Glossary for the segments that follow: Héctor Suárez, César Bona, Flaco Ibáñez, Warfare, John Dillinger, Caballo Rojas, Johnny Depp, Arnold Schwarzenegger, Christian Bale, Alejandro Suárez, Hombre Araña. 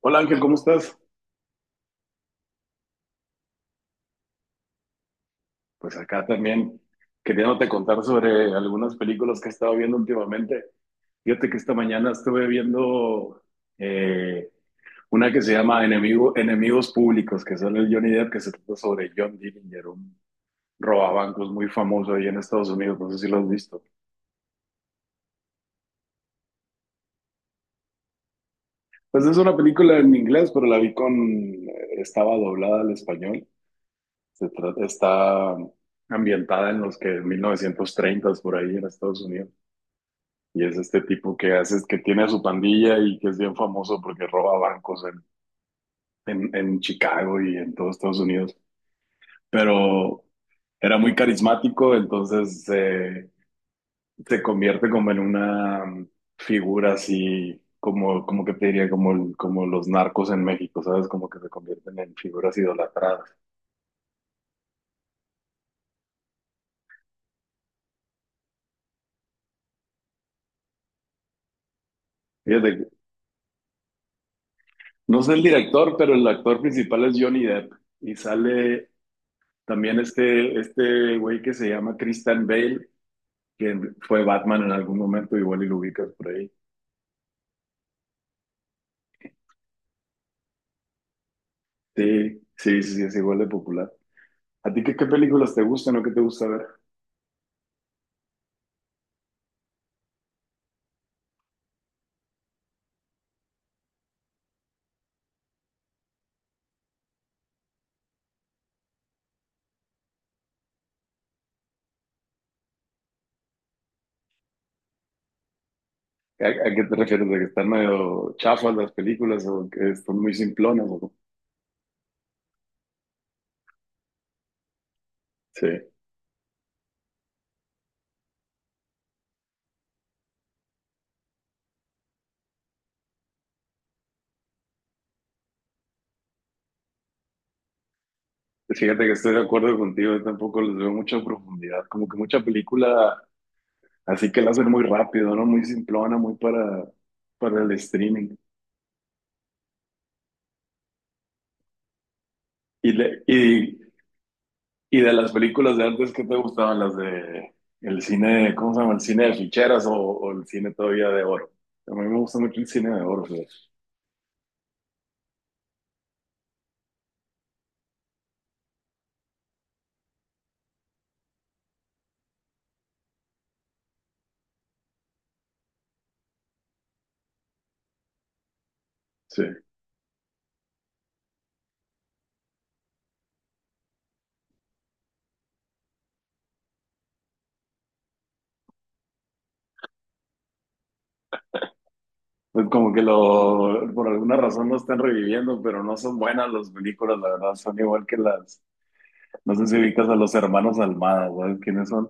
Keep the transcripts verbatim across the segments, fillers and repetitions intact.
Hola Ángel, ¿cómo estás? Pues acá también queriéndote contar sobre algunas películas que he estado viendo últimamente. Fíjate que esta mañana estuve viendo eh, una que se llama Enemigo- Enemigos Públicos, que sale el Johnny Depp, que se trata sobre John Dillinger, un robabancos muy famoso ahí en Estados Unidos, no sé si lo has visto. Pues es una película en inglés, pero la vi con, eh, estaba doblada al español. Se trata, está ambientada en los que mil novecientos treinta por ahí en Estados Unidos. Y es este tipo que hace, que tiene a su pandilla y que es bien famoso porque roba bancos en, en, en Chicago y en todos Estados Unidos. Pero era muy carismático, entonces eh, se convierte como en una mm, figura así, como, como que te diría, como, el- como los narcos en México, ¿sabes? Como que se convierten en figuras idolatradas. Fíjate, no sé el director, pero el actor principal es Johnny Depp y sale también este, este güey que se llama Christian Bale que fue Batman en algún momento, igual y lo ubicas por ahí. Sí, sí, sí, sí, es igual de popular. ¿A ti qué, qué películas te gustan o qué te gusta ver? ¿A, a qué te refieres? ¿De que están medio chafas las películas o que son muy simplonas? ¿O cómo? Sí, fíjate que estoy de acuerdo contigo, yo tampoco les veo mucha profundidad, como que mucha película así que la hacen muy rápido, ¿no? Muy simplona, muy para, para el streaming. Y, le- y Y de las películas de antes, ¿qué te gustaban? Las de el cine, ¿cómo se llama? El cine de ficheras o, o el cine todavía de oro. A mí me gusta mucho el cine de oro, fíjate. Sí. Pues como que lo, por alguna razón lo están reviviendo, pero no son buenas las películas, la verdad, son igual que las, no sé si ubicas a los hermanos Almada, ¿sabes quiénes son?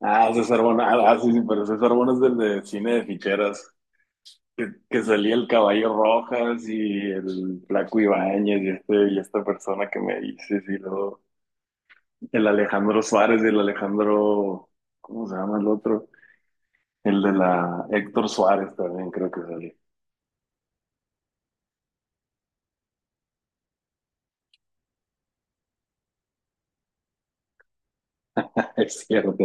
Ah, César Bona, ah, ah, sí, sí, pero César Bona es del de cine de ficheras, que, que salía el Caballo Rojas y el Flaco Ibáñez y, este, y esta persona que me dices, y luego... El Alejandro Suárez y el Alejandro, ¿cómo se llama el otro? El de la Héctor Suárez también creo que salió. Es cierto.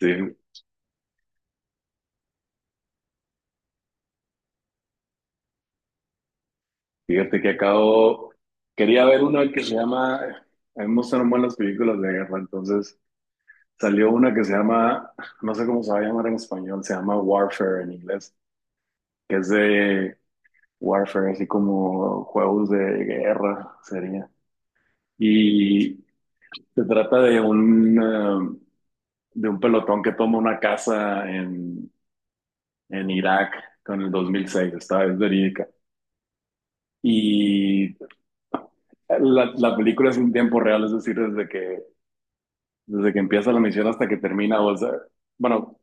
Sí, fíjate que acabo, quería ver una que se llama, a mí me gustan buenas películas de guerra, entonces salió una que se llama, no sé cómo se va a llamar en español, se llama Warfare en inglés, que es de Warfare, así como juegos de guerra sería. Y se trata de un... um, de un pelotón que toma una casa en, en Irak con el dos mil seis, esta es verídica. Y la, la película es en tiempo real, es decir, desde que, desde que empieza la misión hasta que termina. O sea, bueno,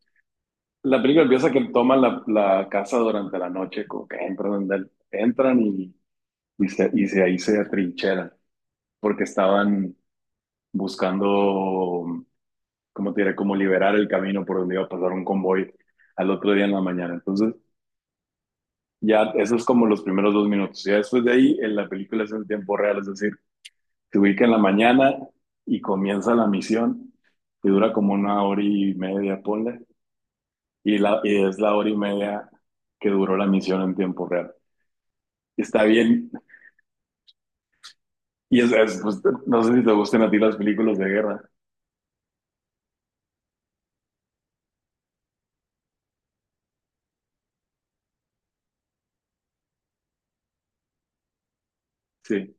la película empieza que toman la, la casa durante la noche, como que entran, entran y, y, se, y se- ahí se atrincheran, porque estaban buscando, como te diré, como liberar el camino por donde iba a pasar un convoy al otro día en la mañana. Entonces, ya, eso es como los primeros dos minutos. Ya después de ahí, en la película es en tiempo real, es decir, se ubica en la mañana y comienza la misión, que dura como una hora y media, ponle, y, la, y es la hora y media que duró la misión en tiempo real. Está bien. Y es, es, pues, no sé si te gustan a ti las películas de guerra. Sí,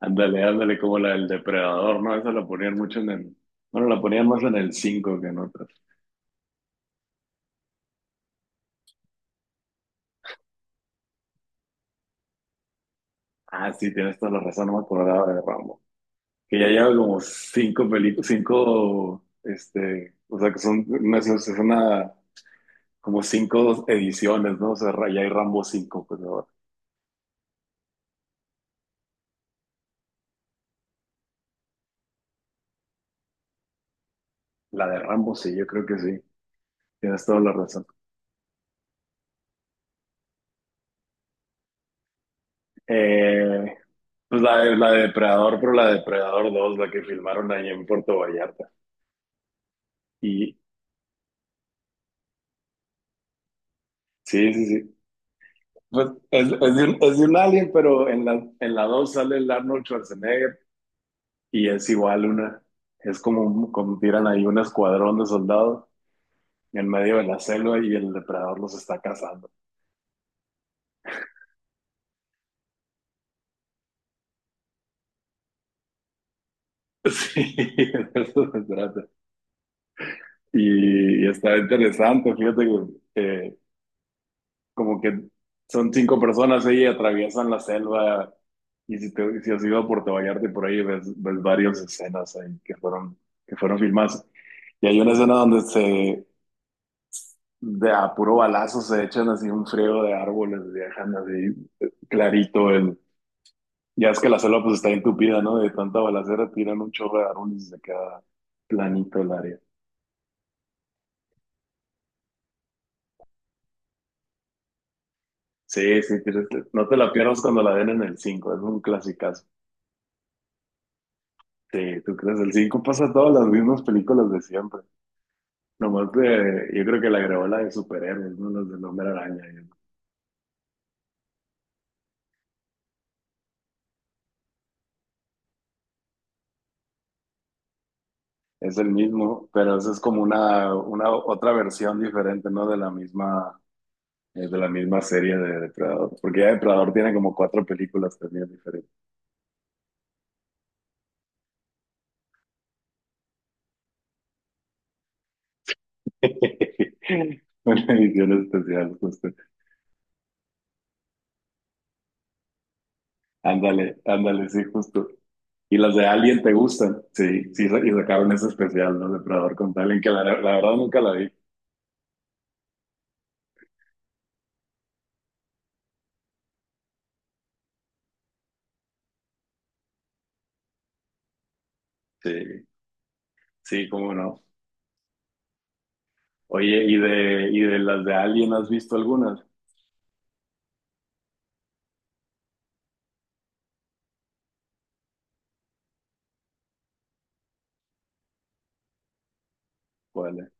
ándale, ándale, como la del Depredador, ¿no? Esa la ponían mucho en el. Bueno, la ponían más en el cinco que en otras. Ah, sí, tienes toda la razón, no me acordaba de Rambo. Que ya lleva como cinco películas, cinco, este, o sea, que son, no sé, es una, como cinco ediciones, ¿no? O sea, ra- ya hay Rambo cinco pues ahora. La de Rambo sí, yo creo que sí, tienes toda la razón. Eh, pues la de, la de Depredador, pero la de Depredador dos la que filmaron allá en Puerto Vallarta. Y sí, sí, sí. Pues es, es de un, es de un alien, pero en la, en la dos sale el Arnold Schwarzenegger y es igual una, es como, un- como tiran ahí un escuadrón de soldados en medio de la selva y el depredador los está cazando. Sí, de eso se trata. Y, y está interesante, fíjate que eh, como que son cinco personas ahí y atraviesan la selva. Y si, te, si has ido a Puerto Vallarta y por ahí ves, ves varias escenas ahí que fueron, que fueron filmadas. Y hay una escena donde se, de a puro balazo se echan así un frío de árboles, dejan así eh, clarito el, ya es que la selva pues está entupida, ¿no? De tanta balacera tiran un chorro de árboles y se queda planito el área. Sí, sí, tienes- no te la pierdas cuando la den en el cinco es un clasicazo. Sí, tú crees, el cinco pasa todas las mismas películas de siempre. Nomás que yo creo que la grabó la de superhéroes, ¿no? Las del Hombre Araña. Y eso. Es el mismo, pero eso es como una, una otra versión diferente, ¿no? De la misma, eh, de la misma serie de Depredador. Porque ya Depredador tiene como cuatro películas también diferentes. Una edición especial, justo. Ándale, ándale, sí, justo. Y las de Alien te gustan. Sí, sí, y sacaron ese especial, ¿no? Depredador con Alien, que la, la verdad nunca la vi. Sí, sí, cómo no. Oye, ¿y de, y de las de Alien has visto algunas? Vale,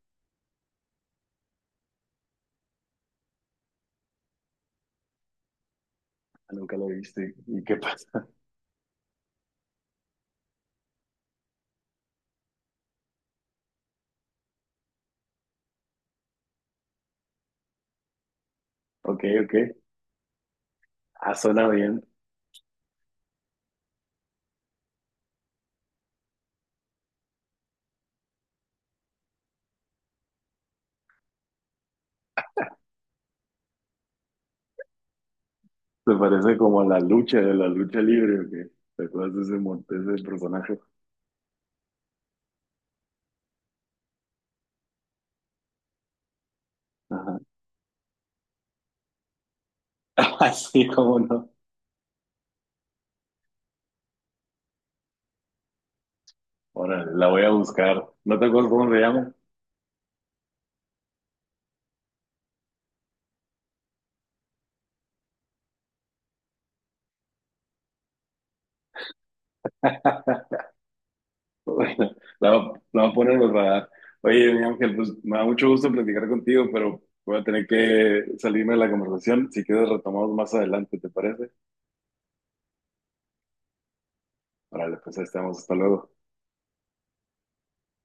nunca la viste. ¿Y qué pasa? Ok, ok. Ah, suena bien. ¿Te parece como la lucha de la lucha libre o qué? ¿Te acuerdas de ese, mon- de ese personaje? Ajá. Así cómo no. Órale, la voy a buscar. ¿No te acuerdas cómo se llama? La, va- la va a poner en el radar. Oye, mi Ángel, pues me da mucho gusto platicar contigo, pero voy a tener que salirme de la conversación. Si quieres, retomamos más adelante, ¿te parece? Órale, pues ahí estamos. Hasta luego.